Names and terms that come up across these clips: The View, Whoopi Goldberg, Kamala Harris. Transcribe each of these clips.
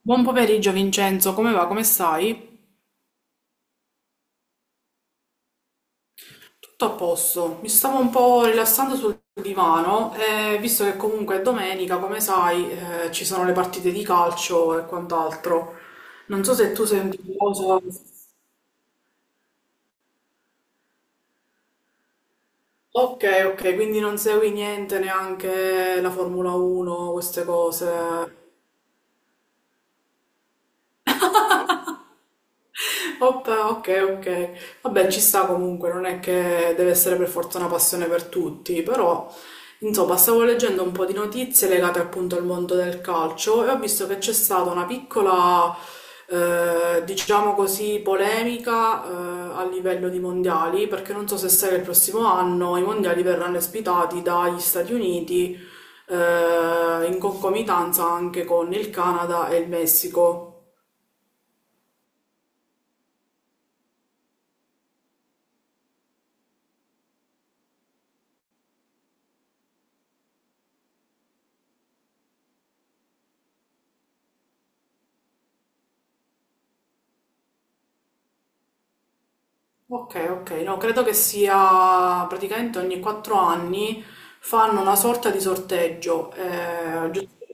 Buon pomeriggio Vincenzo, come va? Come stai? Tutto a posto. Mi stavo un po' rilassando sul divano e visto che comunque è domenica, come sai, ci sono le partite di calcio e quant'altro. Non so se tu sei un tifoso. Ok, ok, quindi non segui niente, neanche la Formula 1, queste cose. Oppa, ok, ok. Vabbè, ci sta comunque, non è che deve essere per forza una passione per tutti, però insomma, stavo leggendo un po' di notizie legate appunto al mondo del calcio e ho visto che c'è stata una piccola, diciamo così, polemica, a livello di mondiali, perché non so se sai che il prossimo anno i mondiali verranno ospitati dagli Stati Uniti, in concomitanza anche con il Canada e il Messico. Ok, ok, no, credo che sia praticamente ogni quattro anni fanno una sorta di sorteggio.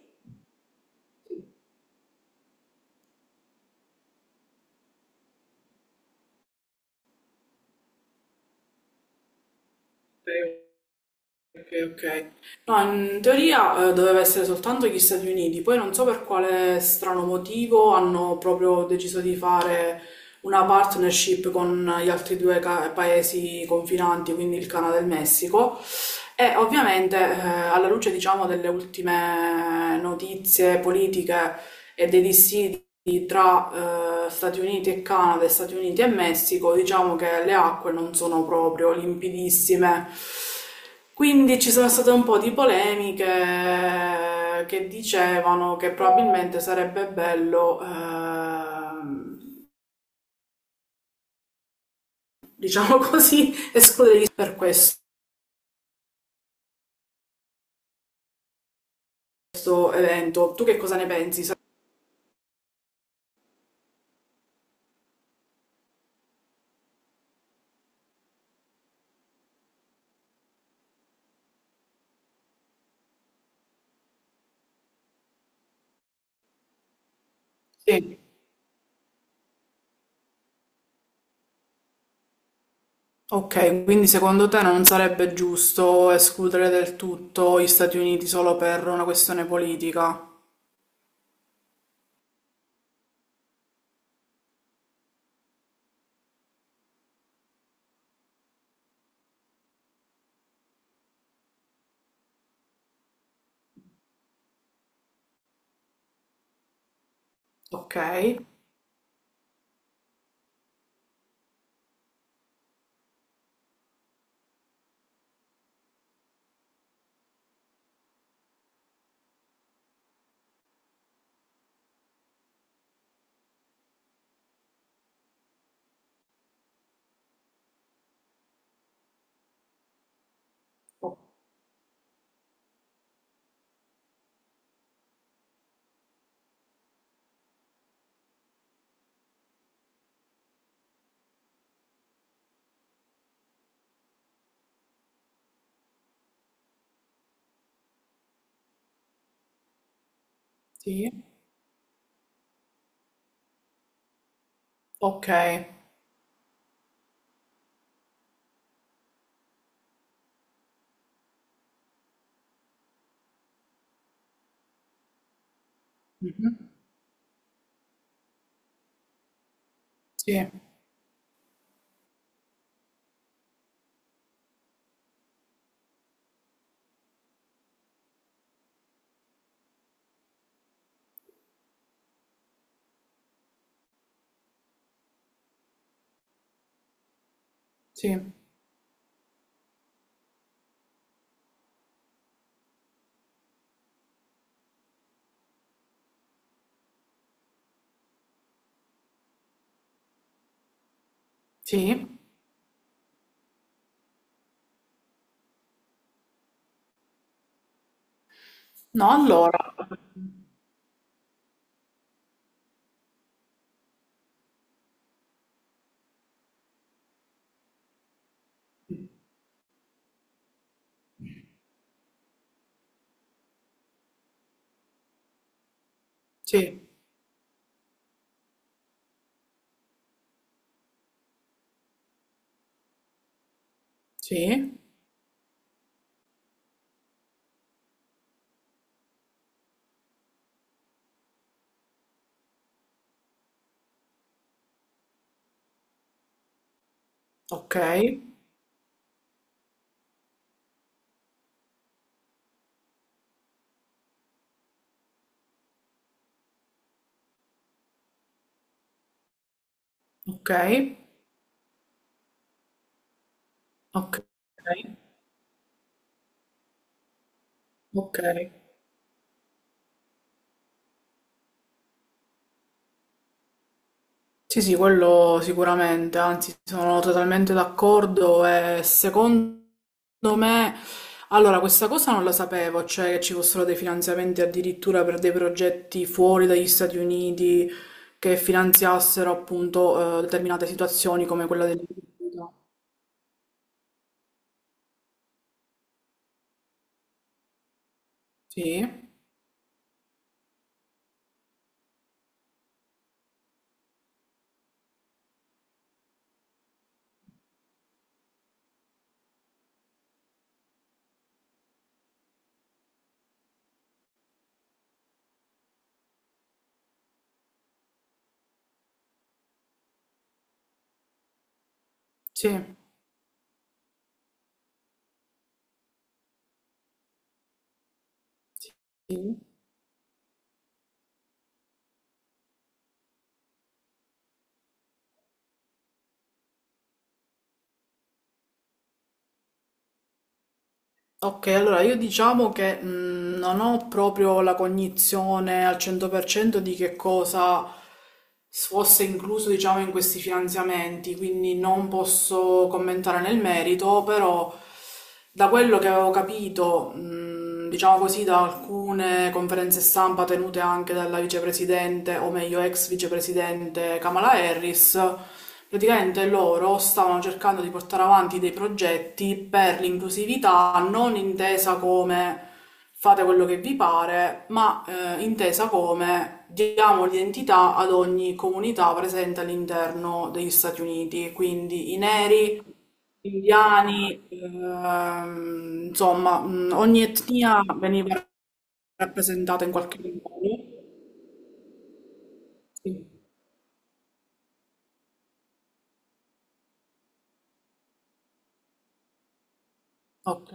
Ok, ok. Ok. No, in teoria doveva essere soltanto gli Stati Uniti, poi non so per quale strano motivo hanno proprio deciso di fare una partnership con gli altri paesi confinanti, quindi il Canada e il Messico. E ovviamente, alla luce, diciamo, delle ultime notizie politiche e dei dissidi tra Stati Uniti e Canada e Stati Uniti e Messico, diciamo che le acque non sono proprio limpidissime. Quindi ci sono state un po' di polemiche che dicevano che probabilmente sarebbe bello, diciamo così, escluderli per questo evento. Tu che cosa ne pensi? Sa- Sì. Ok, quindi secondo te non sarebbe giusto escludere del tutto gli Stati Uniti solo per una questione politica? Okay. O sì. Okay. Mh-mh. Sì, sì, sì. No, allora sì, sì, okay, okay, okay, okay. Sì, sì, quello sicuramente, anzi sono totalmente d'accordo e secondo me, allora questa cosa non la sapevo, cioè che ci fossero dei finanziamenti addirittura per dei progetti fuori dagli Stati Uniti che finanziassero appunto determinate situazioni come quella dell'agricoltura. Sì, sì, sì. Ok, allora io diciamo che non ho proprio la cognizione al 100% di che cosa fosse incluso, diciamo, in questi finanziamenti, quindi non posso commentare nel merito, però da quello che avevo capito, diciamo così, da alcune conferenze stampa tenute anche dalla vicepresidente, o meglio ex vicepresidente Kamala Harris, praticamente loro stavano cercando di portare avanti dei progetti per l'inclusività, non intesa come fate quello che vi pare, ma intesa come diamo l'identità ad ogni comunità presente all'interno degli Stati Uniti, quindi i neri, gli indiani, insomma, ogni etnia veniva rappresentata in qualche modo. Sì. Ok,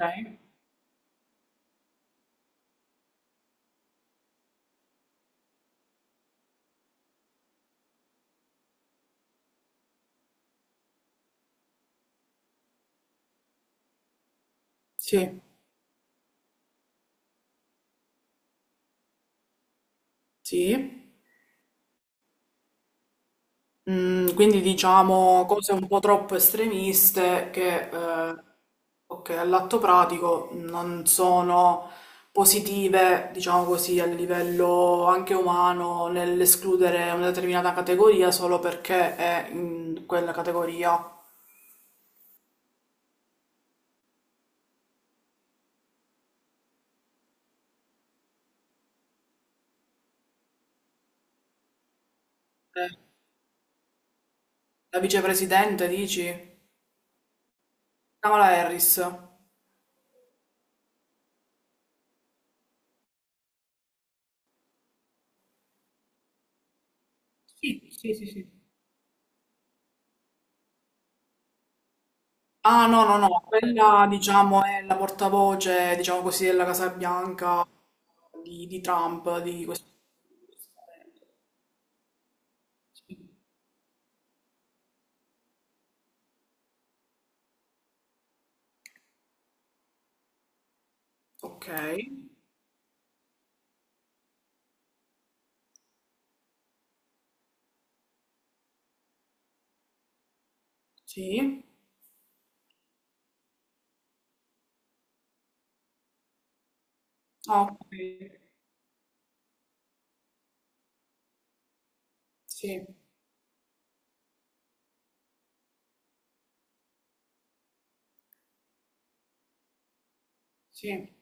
sì, sì. Mm, quindi diciamo cose un po' troppo estremiste che, ok, all'atto pratico non sono positive, diciamo così, a livello anche umano nell'escludere una determinata categoria solo perché è in quella categoria. Eh, La vicepresidente, dici? Kamala Harris. Sì, sì, sì, sì. Ah, no, no, no, quella diciamo è la portavoce, diciamo così, della Casa Bianca di Trump, di sì. Ok, sì, ah, ok, sì, sì.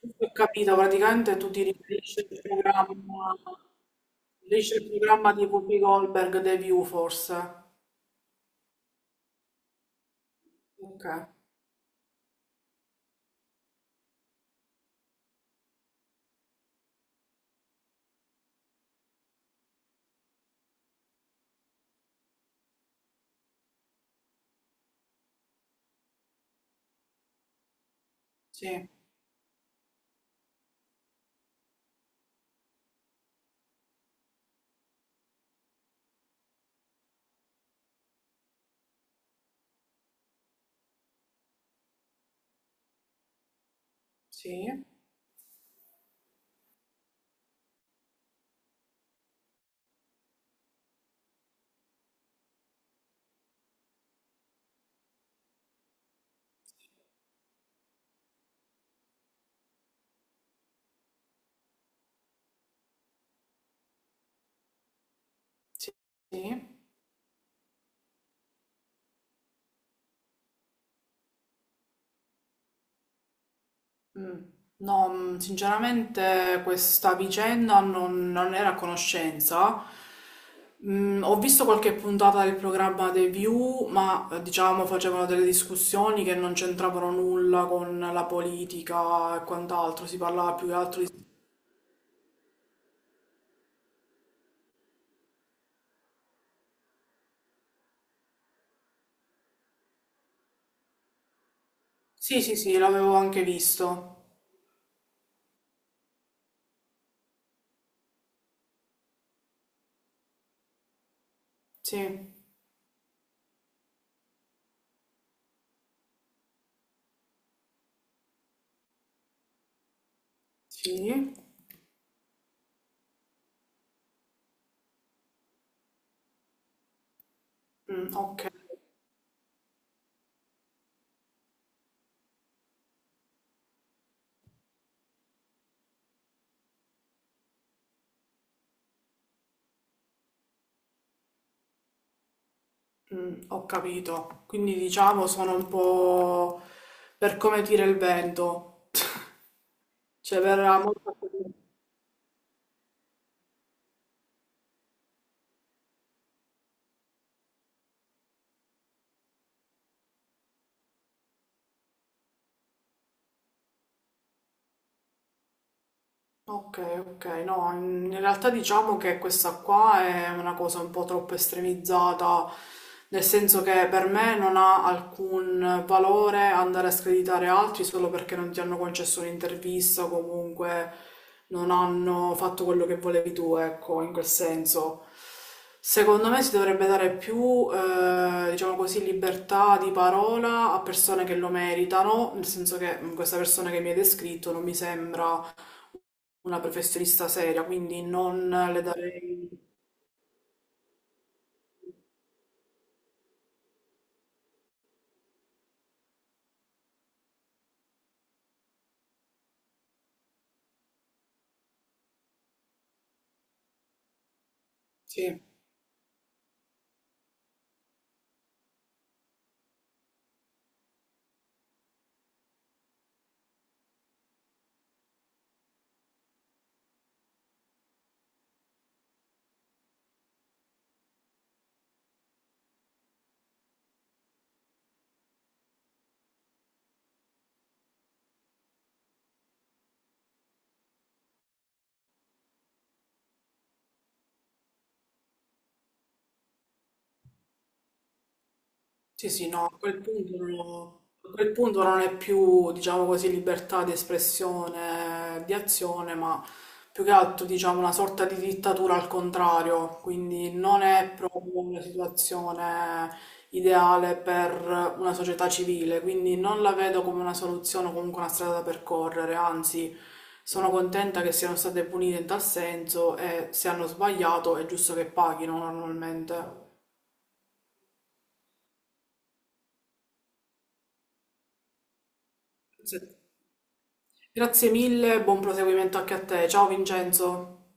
Questo ho capito, praticamente tu ti riferisci al programma di Whoopi Goldberg, The View, forse. Ok, sì, sì, sì, sì. Mm. No, mm, sinceramente questa vicenda non, non era a conoscenza. Mm, ho visto qualche puntata del programma The View, ma diciamo facevano delle discussioni che non c'entravano nulla con la politica e quant'altro, si parlava più che altro di... Sì, sì, sì, l'avevo anche visto. Sì, sì, mm, ok, mm, ho capito. Quindi diciamo sono un po' per come tira il vento, cioè verrà molto... Ok, ok, no, in in realtà diciamo che questa qua è una cosa un po' troppo estremizzata, nel senso che per me non ha alcun valore andare a screditare altri solo perché non ti hanno concesso un'intervista o comunque non hanno fatto quello che volevi tu, ecco, in quel senso. Secondo me si dovrebbe dare più, diciamo così, libertà di parola a persone che lo meritano, nel senso che questa persona che mi hai descritto non mi sembra una professionista seria, quindi non le darei sì. Sì, sì, no, a quel punto non, a quel punto non è più, diciamo così, libertà di espressione, di azione, ma più che altro, diciamo, una sorta di dittatura al contrario, quindi non è proprio una situazione ideale per una società civile, quindi non la vedo come una soluzione o comunque una strada da percorrere, anzi, sono contenta che siano state punite in tal senso e se hanno sbagliato è giusto che paghino normalmente. Se- Grazie mille, buon proseguimento anche a te. Ciao Vincenzo.